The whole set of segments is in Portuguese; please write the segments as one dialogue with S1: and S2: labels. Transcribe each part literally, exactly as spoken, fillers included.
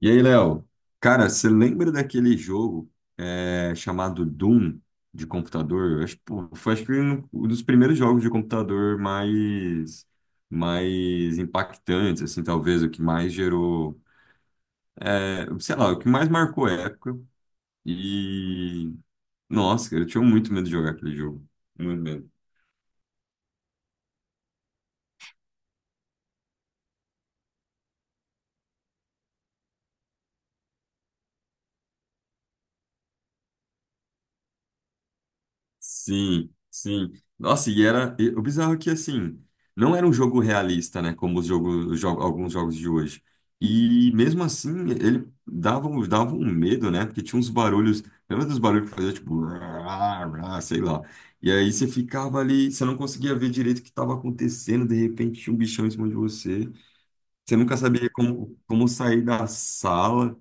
S1: E aí, Léo, cara, você lembra daquele jogo é, chamado Doom de computador? Eu acho, pô, foi acho que um um dos primeiros jogos de computador mais, mais impactantes, assim, talvez o que mais gerou, é, sei lá, o que mais marcou a época. E nossa, cara, eu tinha muito medo de jogar aquele jogo, muito medo. Sim, sim. Nossa, e era. E o bizarro é que, assim, não era um jogo realista, né? Como os jogos, os jo- alguns jogos de hoje. E mesmo assim, ele dava, um- dava um medo, né? Porque tinha uns barulhos. Lembra dos barulhos que fazia tipo. Rá, rá, sei lá. E aí você ficava ali, você não conseguia ver direito o que estava acontecendo. De repente tinha um bichão em cima de você. Você nunca sabia como, como sair da sala.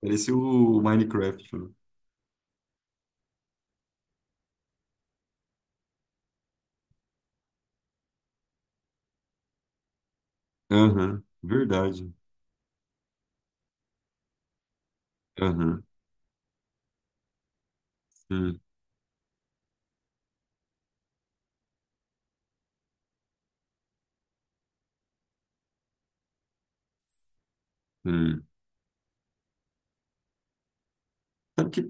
S1: Parecia o Minecraft. Né? Aham, verdade. Aham, sim, sim. Sabe que,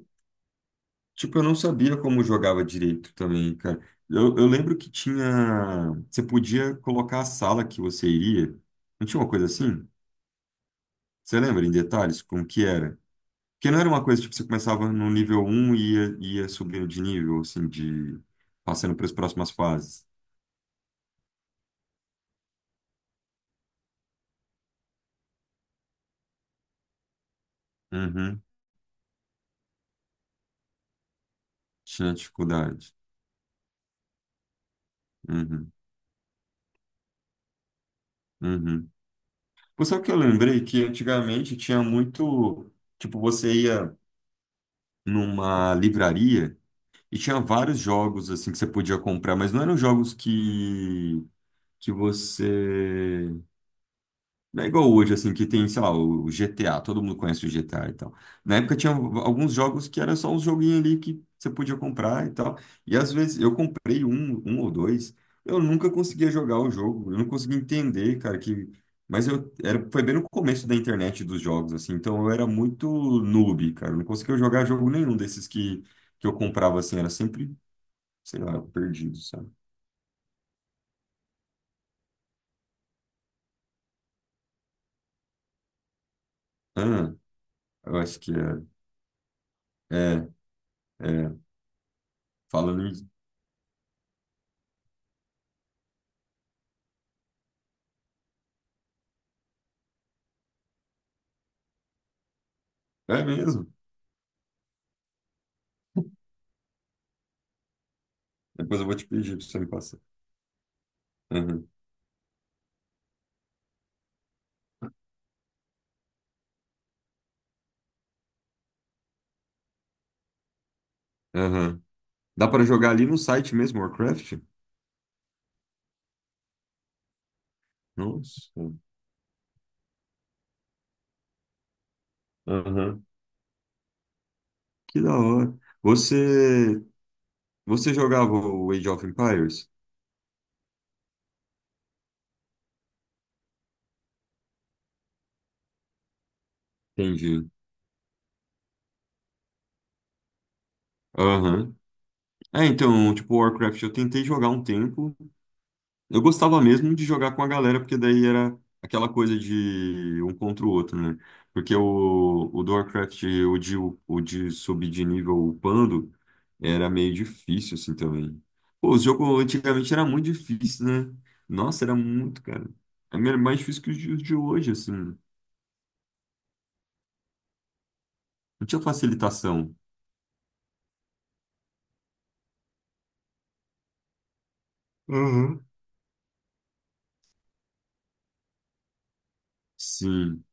S1: tipo, eu não sabia como jogava direito também, cara. Eu, eu lembro que tinha. Você podia colocar a sala que você iria. Não tinha uma coisa assim? Você lembra em detalhes como que era? Porque não era uma coisa, tipo, você começava no nível um e ia, ia subindo de nível, assim, de. Passando para as próximas fases. Uhum. Tinha dificuldade. Uhum. Uhum. Pô, sabe o que eu lembrei? Que antigamente tinha muito. Tipo, você ia numa livraria. E tinha vários jogos assim que você podia comprar, mas não eram jogos que que você não é igual hoje assim que tem, sei lá, o o G T A, todo mundo conhece o G T A e tal. Na época tinha alguns jogos que era só uns joguinhos ali que você podia comprar e tal. E às vezes eu comprei um, um ou dois, eu nunca conseguia jogar o jogo, eu não conseguia entender, cara, que mas eu era, foi bem no começo da internet dos jogos, assim, então eu era muito noob, cara. Eu não conseguia jogar jogo nenhum desses que, que eu comprava, assim, era sempre sei lá, perdido, sabe? Ah, eu acho que é. É, é. Falando isso. É mesmo. Depois eu vou te pedir pra você me passar. Aham, aham. Dá para jogar ali no site mesmo, Warcraft? Nossa. Aham. Que da hora. Você, você jogava o Age of Empires? Entendi. Aham. É, então, tipo, Warcraft eu tentei jogar um tempo, eu gostava mesmo de jogar com a galera, porque daí era aquela coisa de um contra o outro, né? Porque o, o do Warcraft, o de, o de subir de nível upando, era meio difícil, assim, também. Pô, o jogo antigamente era muito difícil, né? Nossa, era muito, cara. Era mais difícil que os de os de hoje, assim. Não tinha facilitação. Uhum. Sim.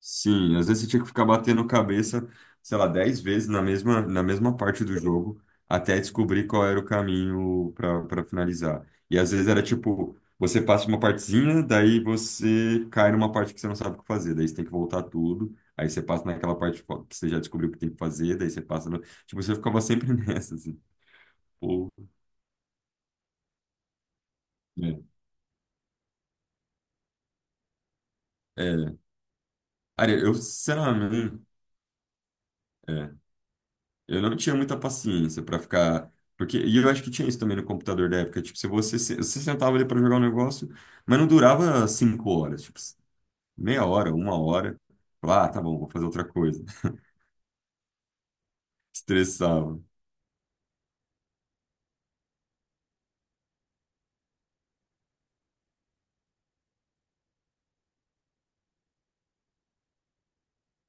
S1: Sim, às vezes você tinha que ficar batendo cabeça, sei lá, dez vezes na mesma, na mesma parte do jogo, até descobrir qual era o caminho para para finalizar. E às vezes era tipo, você passa uma partezinha, daí você cai numa parte que você não sabe o que fazer, daí você tem que voltar tudo, aí você passa naquela parte fo- que você já descobriu o que tem que fazer, daí você passa no... Tipo, você ficava sempre nessa, assim. Pô, é. É. Cara, eu, sinceramente. Eu não tinha muita paciência pra ficar. Porque, e eu acho que tinha isso também no computador da época. Tipo, se você, se- você sentava ali pra jogar um negócio, mas não durava cinco horas, tipo, meia hora, uma hora. Falava, ah, tá bom, vou fazer outra coisa. Estressava.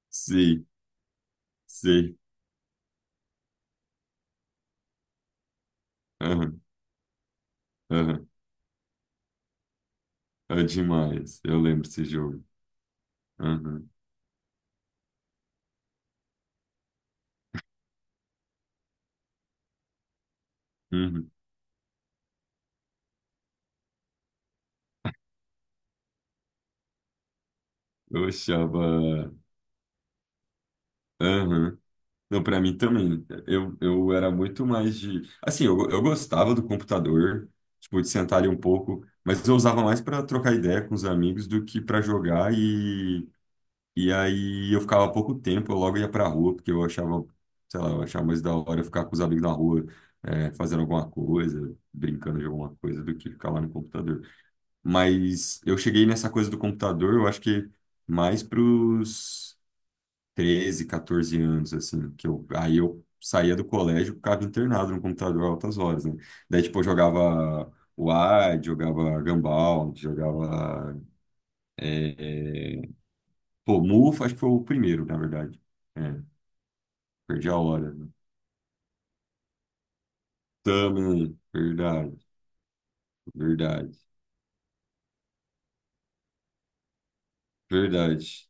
S1: Sim, sim. Aham, aham. É demais. Eu lembro desse jogo. Aham, uhum. Eu achava. Aham. Não, para mim também. Eu, eu era muito mais de. Assim, eu, eu gostava do computador, tipo, de sentar ali um pouco, mas eu usava mais para trocar ideia com os amigos do que para jogar. E, e aí eu ficava pouco tempo, eu logo ia para rua, porque eu achava, sei lá, eu achava mais da hora ficar com os amigos na rua, é, fazendo alguma coisa, brincando de alguma coisa, do que ficar lá no computador. Mas eu cheguei nessa coisa do computador, eu acho que mais pros treze, catorze anos, assim, que eu, aí eu saía do colégio, e ficava internado no computador altas horas, né? Daí, tipo, eu jogava Wide, jogava Gumball, jogava, é, é, pô, Muffa, acho que foi o primeiro, na verdade. É, perdi a hora. Né? Também, verdade, verdade, verdade.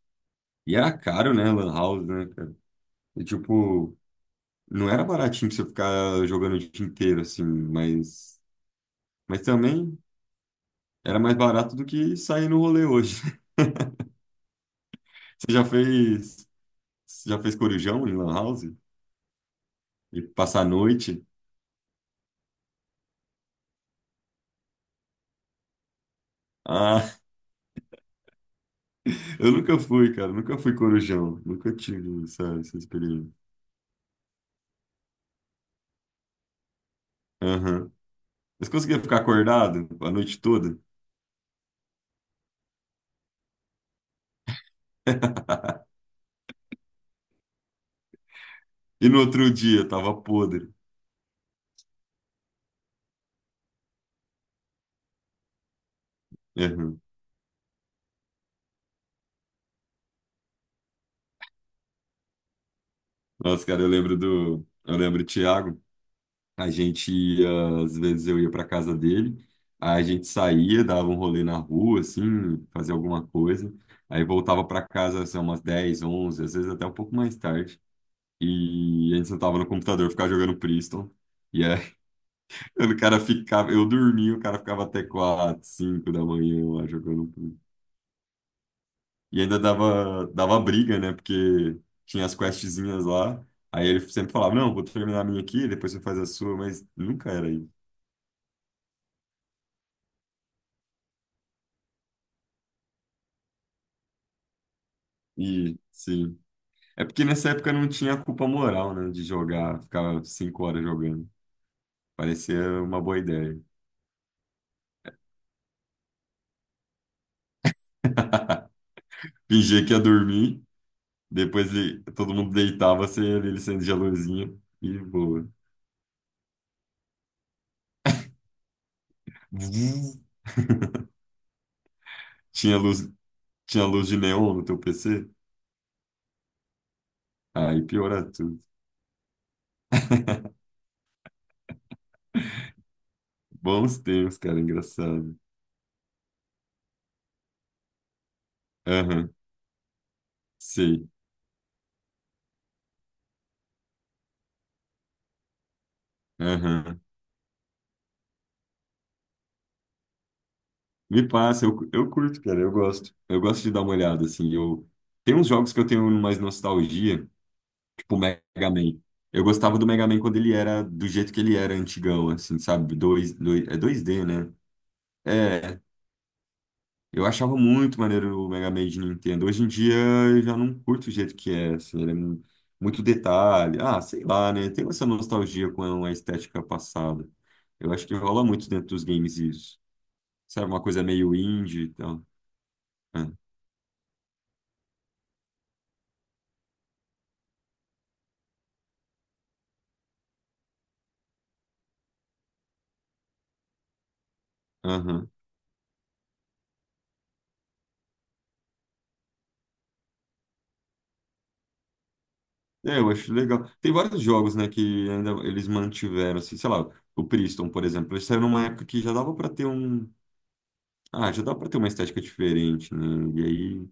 S1: E era caro, né, Lan House, né, cara? E, tipo, não era baratinho pra você ficar jogando o dia inteiro, assim, mas... Mas também... Era mais barato do que sair no rolê hoje. Você já fez, você já fez corujão em lan house? E passar a noite? Ah, eu nunca fui, cara. Nunca fui corujão. Nunca tive essa, essa experiência. Aham. Mas conseguia ficar acordado a noite toda? E no outro dia, tava podre. Aham. Nossa, cara, eu lembro do... Eu lembro do Thiago. A gente ia, às vezes eu ia para casa dele, aí a gente saía, dava um rolê na rua, assim, fazia alguma coisa, aí voltava para casa, assim, umas dez onze às vezes até um pouco mais tarde, e a gente sentava no computador, ficava jogando Priston, e aí o cara ficava, eu dormia, o cara ficava até quatro cinco da manhã lá jogando Priston. E ainda dava, dava briga, né, porque tinha as questzinhas lá, aí ele sempre falava, não, vou terminar a minha aqui, depois você faz a sua, mas nunca era isso. E, sim. É porque nessa época não tinha culpa moral, né, de jogar, ficar cinco horas jogando. Parecia uma boa ideia. Fingia que ia dormir, depois ele- todo mundo deitava, você ia ali acendia a luzinha e boa. Vuv. Tinha luz, tinha luz de neon no teu P C? Aí piora tudo. Bons tempos, cara, engraçado. Aham, sei. Aham. Me passa, eu, eu curto, cara, eu gosto. Eu gosto de dar uma olhada, assim. Eu, tem uns jogos que eu tenho mais nostalgia. Tipo, o Mega Man. Eu gostava do Mega Man quando ele era do jeito que ele era, antigão, assim, sabe? Dois, dois, é dois d né? É, eu achava muito maneiro o Mega Man de Nintendo. Hoje em dia eu já não curto o jeito que é, assim, ele é mu- muito detalhe. Ah, sei lá, né? Tem essa nostalgia com a estética passada. Eu acho que rola muito dentro dos games isso. Sabe, uma coisa meio indie e tal. É. Aham. É, eu acho legal. Tem vários jogos, né, que ainda eles mantiveram, assim, sei lá, o Priston, por exemplo, ele saiu numa época que já dava pra ter um... Ah, já dava pra ter uma estética diferente, né, e aí...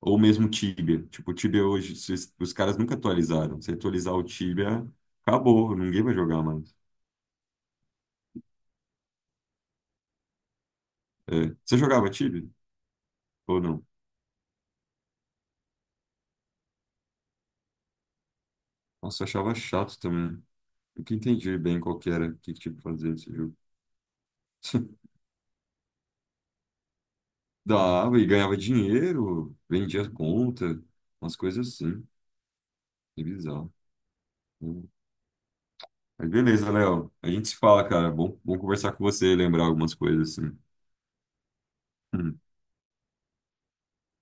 S1: Ou mesmo Tibia. Tipo, o Tibia hoje, se os os caras nunca atualizaram. Se atualizar o Tibia, acabou, ninguém vai jogar mais. É. Você jogava Tibia? Ou não? Nossa, eu achava chato também. Nunca entendi bem qual que era, que tipo fazia esse jogo. Dava e ganhava dinheiro, vendia conta, umas coisas assim. Que bizarro. Hum. Mas beleza, Léo. A gente se fala, cara. Bom, bom conversar com você, lembrar algumas coisas assim. Hum.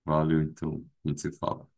S1: Valeu, então. A gente se fala.